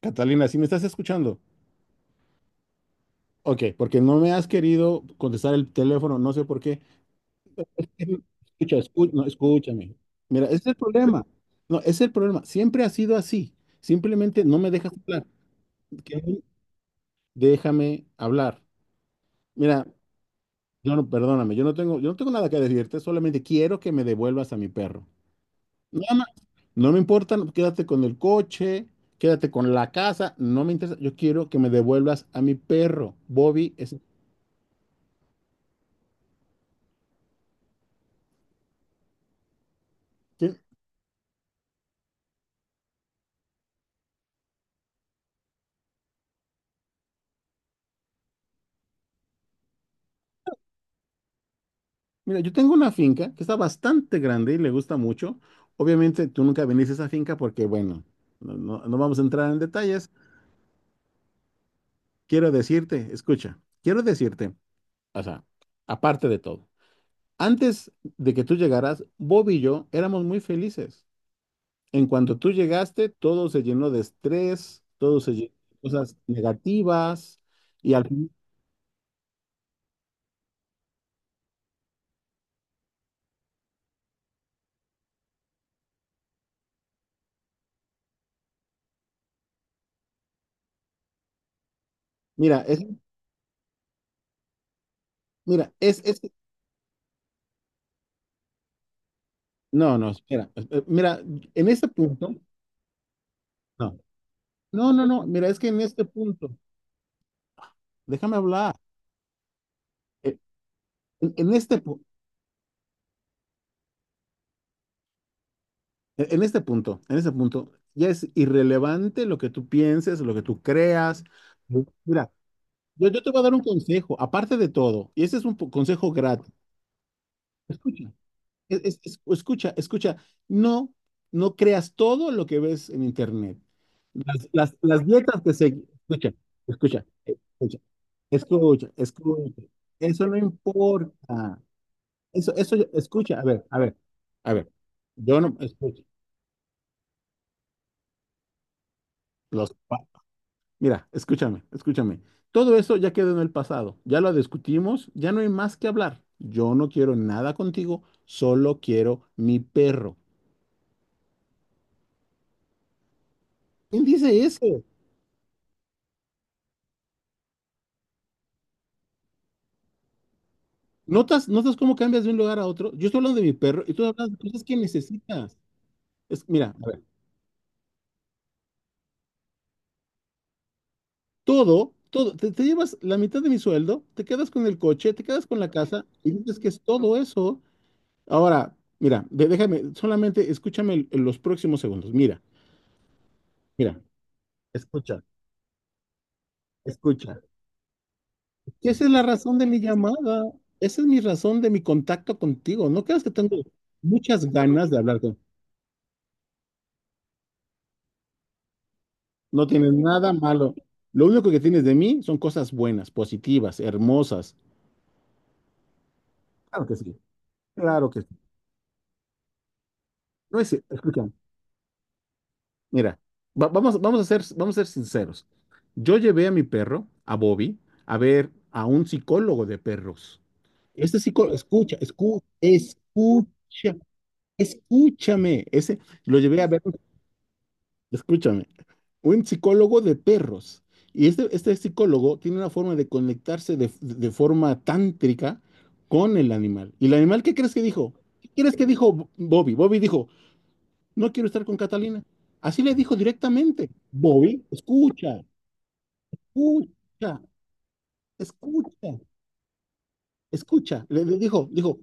¿Catalina, si me estás escuchando? Ok, porque no me has querido contestar el teléfono, no sé por qué. Escucha, no, escúchame. Mira, ese es el problema. No, ese es el problema. Siempre ha sido así. Simplemente no me dejas hablar. Kevin, déjame hablar. Mira, yo no, perdóname, yo no tengo nada que decirte, solamente quiero que me devuelvas a mi perro. Nada más. No me importa, no, quédate con el coche, quédate con la casa, no me interesa. Yo quiero que me devuelvas a mi perro. Bobby es. Mira, yo tengo una finca que está bastante grande y le gusta mucho. Obviamente tú nunca viniste a esa finca porque, bueno, no vamos a entrar en detalles. Quiero decirte, escucha, o sea, aparte de todo, antes de que tú llegaras, Bob y yo éramos muy felices. En cuanto tú llegaste, todo se llenó de estrés, todo se llenó de cosas negativas y al fin, mira, es, mira, es, es, no, no, espera, mira, en este punto... no. No, no, no, mira, es que en este punto, déjame hablar, eh, en, en este, pu- en este punto, ya es irrelevante lo que tú pienses, lo que tú creas. Mira, yo te voy a dar un consejo, aparte de todo, y ese es un consejo gratis. Escucha, escucha, no, no creas todo lo que ves en internet. Las dietas que se... Escucha, escucha, escucha, escucha, escucha, eso no importa. Escucha, a ver, a ver, a ver. Yo no, escucha, los, pa- mira, escúchame. Todo eso ya quedó en el pasado, ya lo discutimos, ya no hay más que hablar. Yo no quiero nada contigo, solo quiero mi perro. ¿Quién dice eso? ¿Notas cómo cambias de un lugar a otro? Yo estoy hablando de mi perro y tú hablas de cosas que necesitas. Mira, a ver, te llevas la mitad de mi sueldo, te quedas con el coche, te quedas con la casa y dices que es todo eso. Ahora, mira, déjame, solamente escúchame los próximos segundos. Mira, mira, escucha, escucha. ¿Qué esa es la razón de mi llamada? Esa es mi razón de mi contacto contigo. ¿No creas que tengo muchas ganas de hablar con... No tienes nada malo. Lo único que tienes de mí son cosas buenas, positivas, hermosas. Claro que sí, claro que sí. No es, escúchame. Mira, vamos, vamos a ser sinceros. Yo llevé a mi perro, a Bobby, a ver a un psicólogo de perros. Este psicólogo, escucha, escúchame. Ese lo llevé a ver, escúchame. Un psicólogo de perros. Y este psicólogo tiene una forma de conectarse de forma tántrica con el animal. ¿Y el animal qué crees que dijo? ¿Qué crees que dijo Bobby? Bobby dijo, no quiero estar con Catalina. Así le dijo directamente. Bobby, escucha, escucha, escucha. Dijo,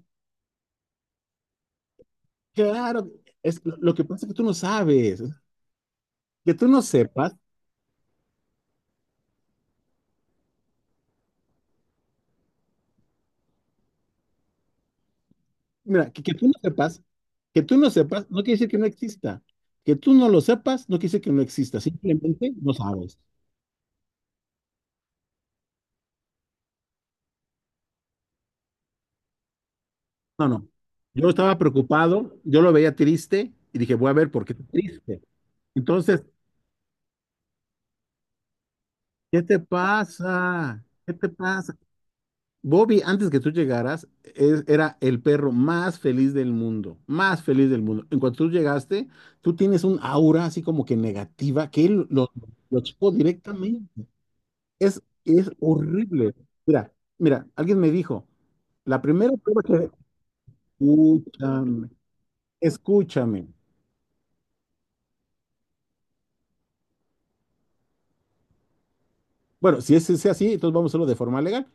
claro, lo que pasa es que tú no sabes. Que tú no sepas, mira, que tú no sepas, no quiere decir que no exista. Que tú no lo sepas, no quiere decir que no exista, simplemente no sabes. No, no. Yo estaba preocupado, yo lo veía triste y dije, voy a ver por qué está triste. Entonces, ¿qué te pasa? ¿Qué te pasa? Bobby, antes que tú llegaras, era el perro más feliz del mundo, más feliz del mundo. En cuanto tú llegaste, tú tienes un aura así como que negativa que él lo chocó directamente. Es horrible. Mira, alguien me dijo, la primera prueba que... Escúchame, escúchame. Bueno, si es así, entonces vamos a hacerlo de forma legal.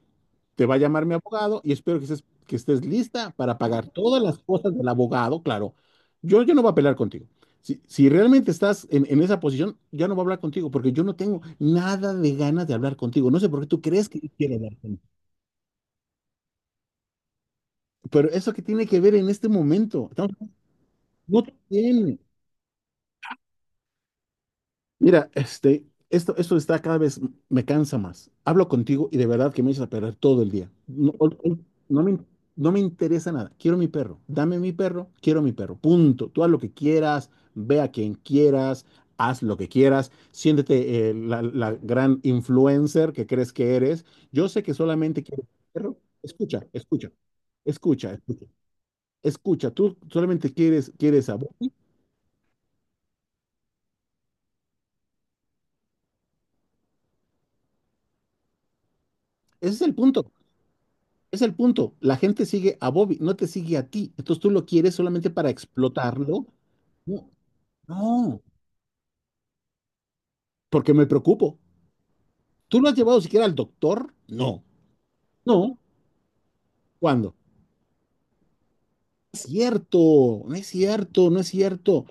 Te va a llamar mi abogado y espero que estés, lista para pagar todas las cosas del abogado, claro. Yo no voy a pelear contigo. Si realmente estás en esa posición, ya no voy a hablar contigo porque yo no tengo nada de ganas de hablar contigo. No sé por qué tú crees que yo quiero hablar contigo. Pero eso que tiene que ver en este momento. No tiene. Mira, esto está cada vez, me cansa más. Hablo contigo y de verdad que me echas a perder todo el día. No, no me interesa nada. Quiero mi perro. Dame mi perro, quiero mi perro. Punto. Tú haz lo que quieras, ve a quien quieras, haz lo que quieras. Siéntete la gran influencer que crees que eres. Yo sé que solamente quieres perro. Escucha, escucha. Escucha, tú solamente quieres, a Buki. Ese es el punto. Es el punto. La gente sigue a Bobby, no te sigue a ti. Entonces tú lo quieres solamente para explotarlo. No, no, porque me preocupo. ¿Tú lo has llevado siquiera al doctor? No. No. ¿Cuándo? No es cierto, no es cierto, no es cierto,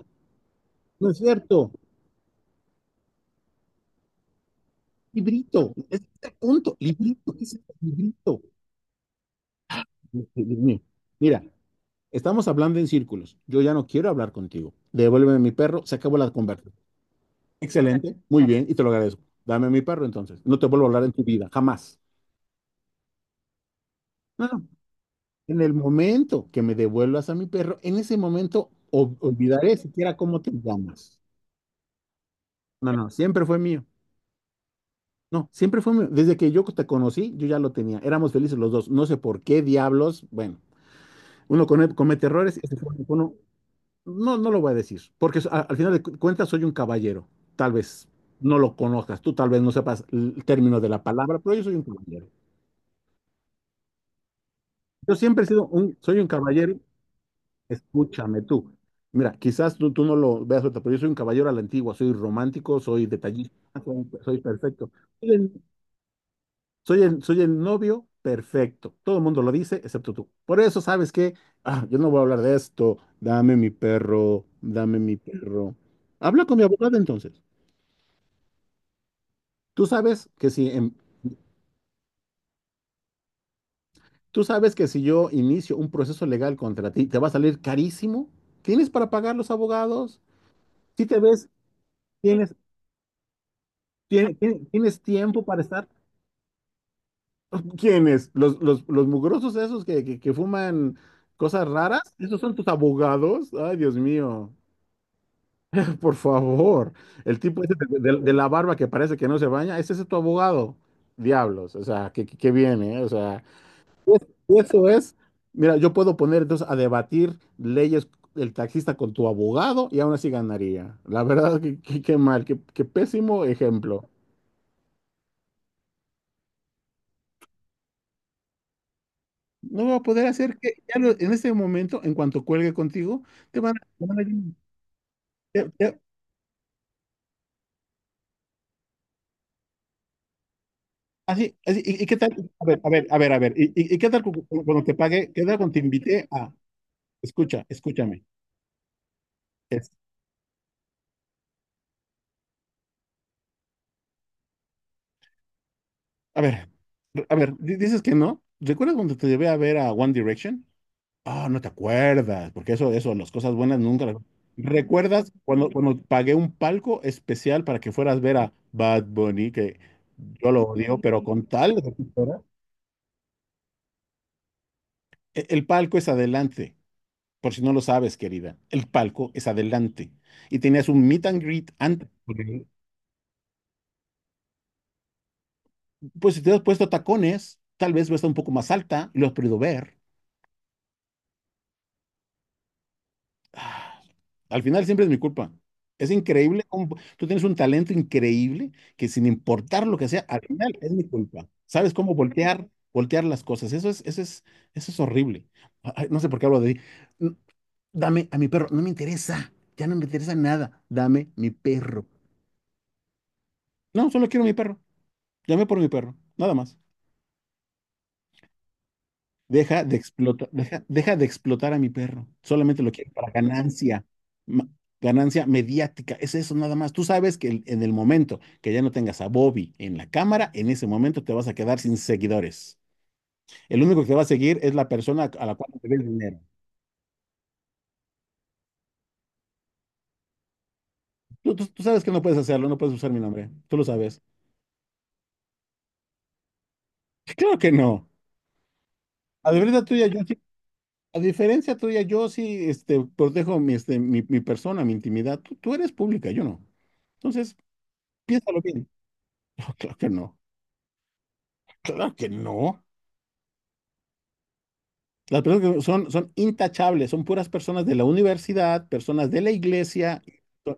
no es cierto. Librito, es el punto. Librito, ¿qué es esto? Librito. Dios mío. Mira, estamos hablando en círculos. Yo ya no quiero hablar contigo. Devuélveme mi perro, se acabó la conversación. Excelente, muy bien, y te lo agradezco. Dame a mi perro entonces. No te vuelvo a hablar en tu vida, jamás. No, no. En el momento que me devuelvas a mi perro, en ese momento olvidaré siquiera cómo te llamas. No, no, siempre fue mío. No, siempre fue mío. Desde que yo te conocí, yo ya lo tenía. Éramos felices los dos. No sé por qué diablos. Bueno, uno comete errores. Este fue uno, no, no lo voy a decir, porque al final de cuentas soy un caballero. Tal vez no lo conozcas, tú tal vez no sepas el término de la palabra, pero yo soy un caballero. Yo siempre he sido soy un caballero, escúchame tú. Mira, quizás tú no lo veas, ahorita, pero yo soy un caballero a la antigua, soy romántico, soy detallista, soy perfecto. Soy el, soy el novio perfecto. Todo el mundo lo dice, excepto tú. Por eso, ¿sabes qué? Ah, yo no voy a hablar de esto. Dame mi perro, dame mi perro. Habla con mi abogado entonces. Tú sabes que si, em- tú sabes que si yo inicio un proceso legal contra ti, te va a salir carísimo. ¿Tienes para pagar los abogados? Si te ves... Tienes ¿Tienes tiempo para estar? ¿Quiénes? ¿Los mugrosos esos que fuman cosas raras? ¿Esos son tus abogados? Ay, Dios mío, por favor. El tipo ese de la barba que parece que no se baña, ¿es ese tu abogado? Diablos, o sea, que viene, ¿eh? O sea, eso es. Mira, yo puedo poner entonces a debatir leyes el taxista con tu abogado y aún así ganaría. La verdad, qué mal, qué pésimo ejemplo. No va a poder hacer que ya en este momento, en cuanto cuelgue contigo, te van a... te van a- te- te- así, así, ¿y qué tal? A ver, a ver, a ver, a ver. ¿Y qué tal cuando te pague? ¿Qué tal cuando te invité a... Escucha, escúchame. es- a ver, a ver, dices que no. ¿Recuerdas cuando te llevé a ver a One Direction? Ah, no te acuerdas, porque eso, las cosas buenas nunca las... ¿Recuerdas cuando pagué un palco especial para que fueras a ver a Bad Bunny, que yo lo odio, pero con tal... de recuperar? El palco es adelante, por si no lo sabes, querida. El palco es adelante. Y tenías un meet and greet antes. Ok. Pues si te has puesto tacones, tal vez va a estar un poco más alta y lo has podido ver. Ah, al final siempre es mi culpa. Es increíble. Tú tienes un talento increíble que sin importar lo que sea, al final es mi culpa. ¿Sabes cómo voltear las cosas? Eso es horrible. Ay, no sé por qué hablo de... Dame a mi perro. No me interesa. Ya no me interesa nada. Dame mi perro. No, solo quiero mi perro. Llamé por mi perro, nada más. Deja de explotar, deja de explotar a mi perro. Solamente lo quiero para ganancia, ma- ganancia mediática. Es eso nada más. Tú sabes que en el momento que ya no tengas a Bobby en la cámara, en ese momento te vas a quedar sin seguidores. El único que te va a seguir es la persona a la cual te debes dinero. Tú sabes que no puedes hacerlo, no puedes usar mi nombre. Tú lo sabes. Claro que no. A la verdad tuya, yo A diferencia tuya, yo sí, protejo mi, mi persona, mi intimidad. Tú eres pública, yo no. Entonces, piénsalo bien. No, claro que no. Claro que no. Las personas que son, intachables, son puras personas de la universidad, personas de la iglesia.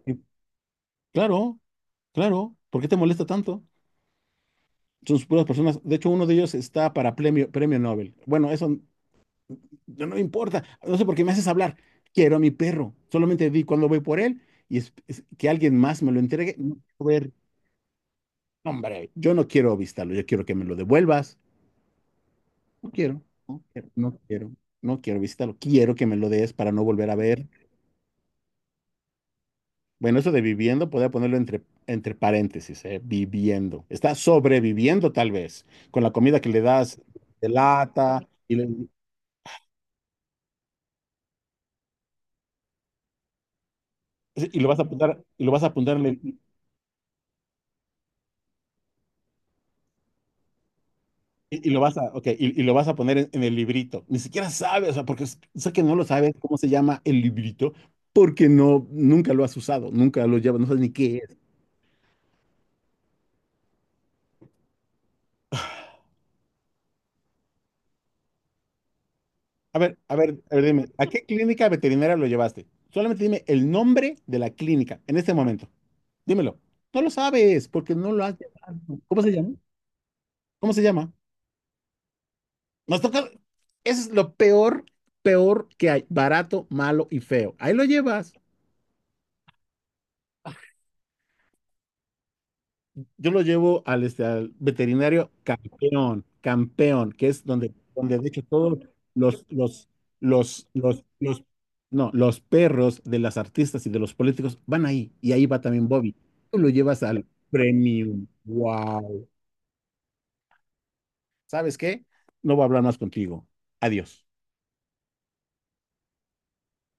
Y- Claro, claro. ¿Por qué te molesta tanto? Son puras personas. De hecho, uno de ellos está para premio Nobel. Bueno, eso. No, no me importa. No sé por qué me haces hablar. Quiero a mi perro. Solamente vi cuando voy por él y es que alguien más me lo entregue. No quiero ver. No, hombre, yo no quiero visitarlo. Yo quiero que me lo devuelvas. No quiero. No quiero. No quiero No quiero visitarlo. Quiero que me lo des para no volver a ver. Bueno, eso de viviendo, podría ponerlo entre paréntesis, ¿eh? Viviendo. Está sobreviviendo tal vez con la comida que le das de lata y, le- y lo vas a apuntar, y lo vas a apuntar en el- Y lo vas a poner en el librito. Ni siquiera sabes, o sea, porque sé que no lo sabes cómo se llama el librito, porque no, nunca lo has usado, nunca lo llevas, no sabes ni qué es. A ver, a ver, a ver, dime, ¿a qué clínica veterinaria lo llevaste? Solamente dime el nombre de la clínica en este momento. Dímelo. No lo sabes, porque no lo has llevado. ¿Cómo se llama? ¿Cómo se llama? Nos toca. Eso es lo peor, peor que hay. Barato, malo y feo. Ahí lo llevas. Yo lo llevo al veterinario campeón, campeón, que es donde, de hecho todos los, los, los, los, los, no, los perros de las artistas y de los políticos van ahí, y ahí va también Bobby. Tú lo llevas al premium. Wow. ¿Sabes qué? No voy a hablar más contigo. Adiós.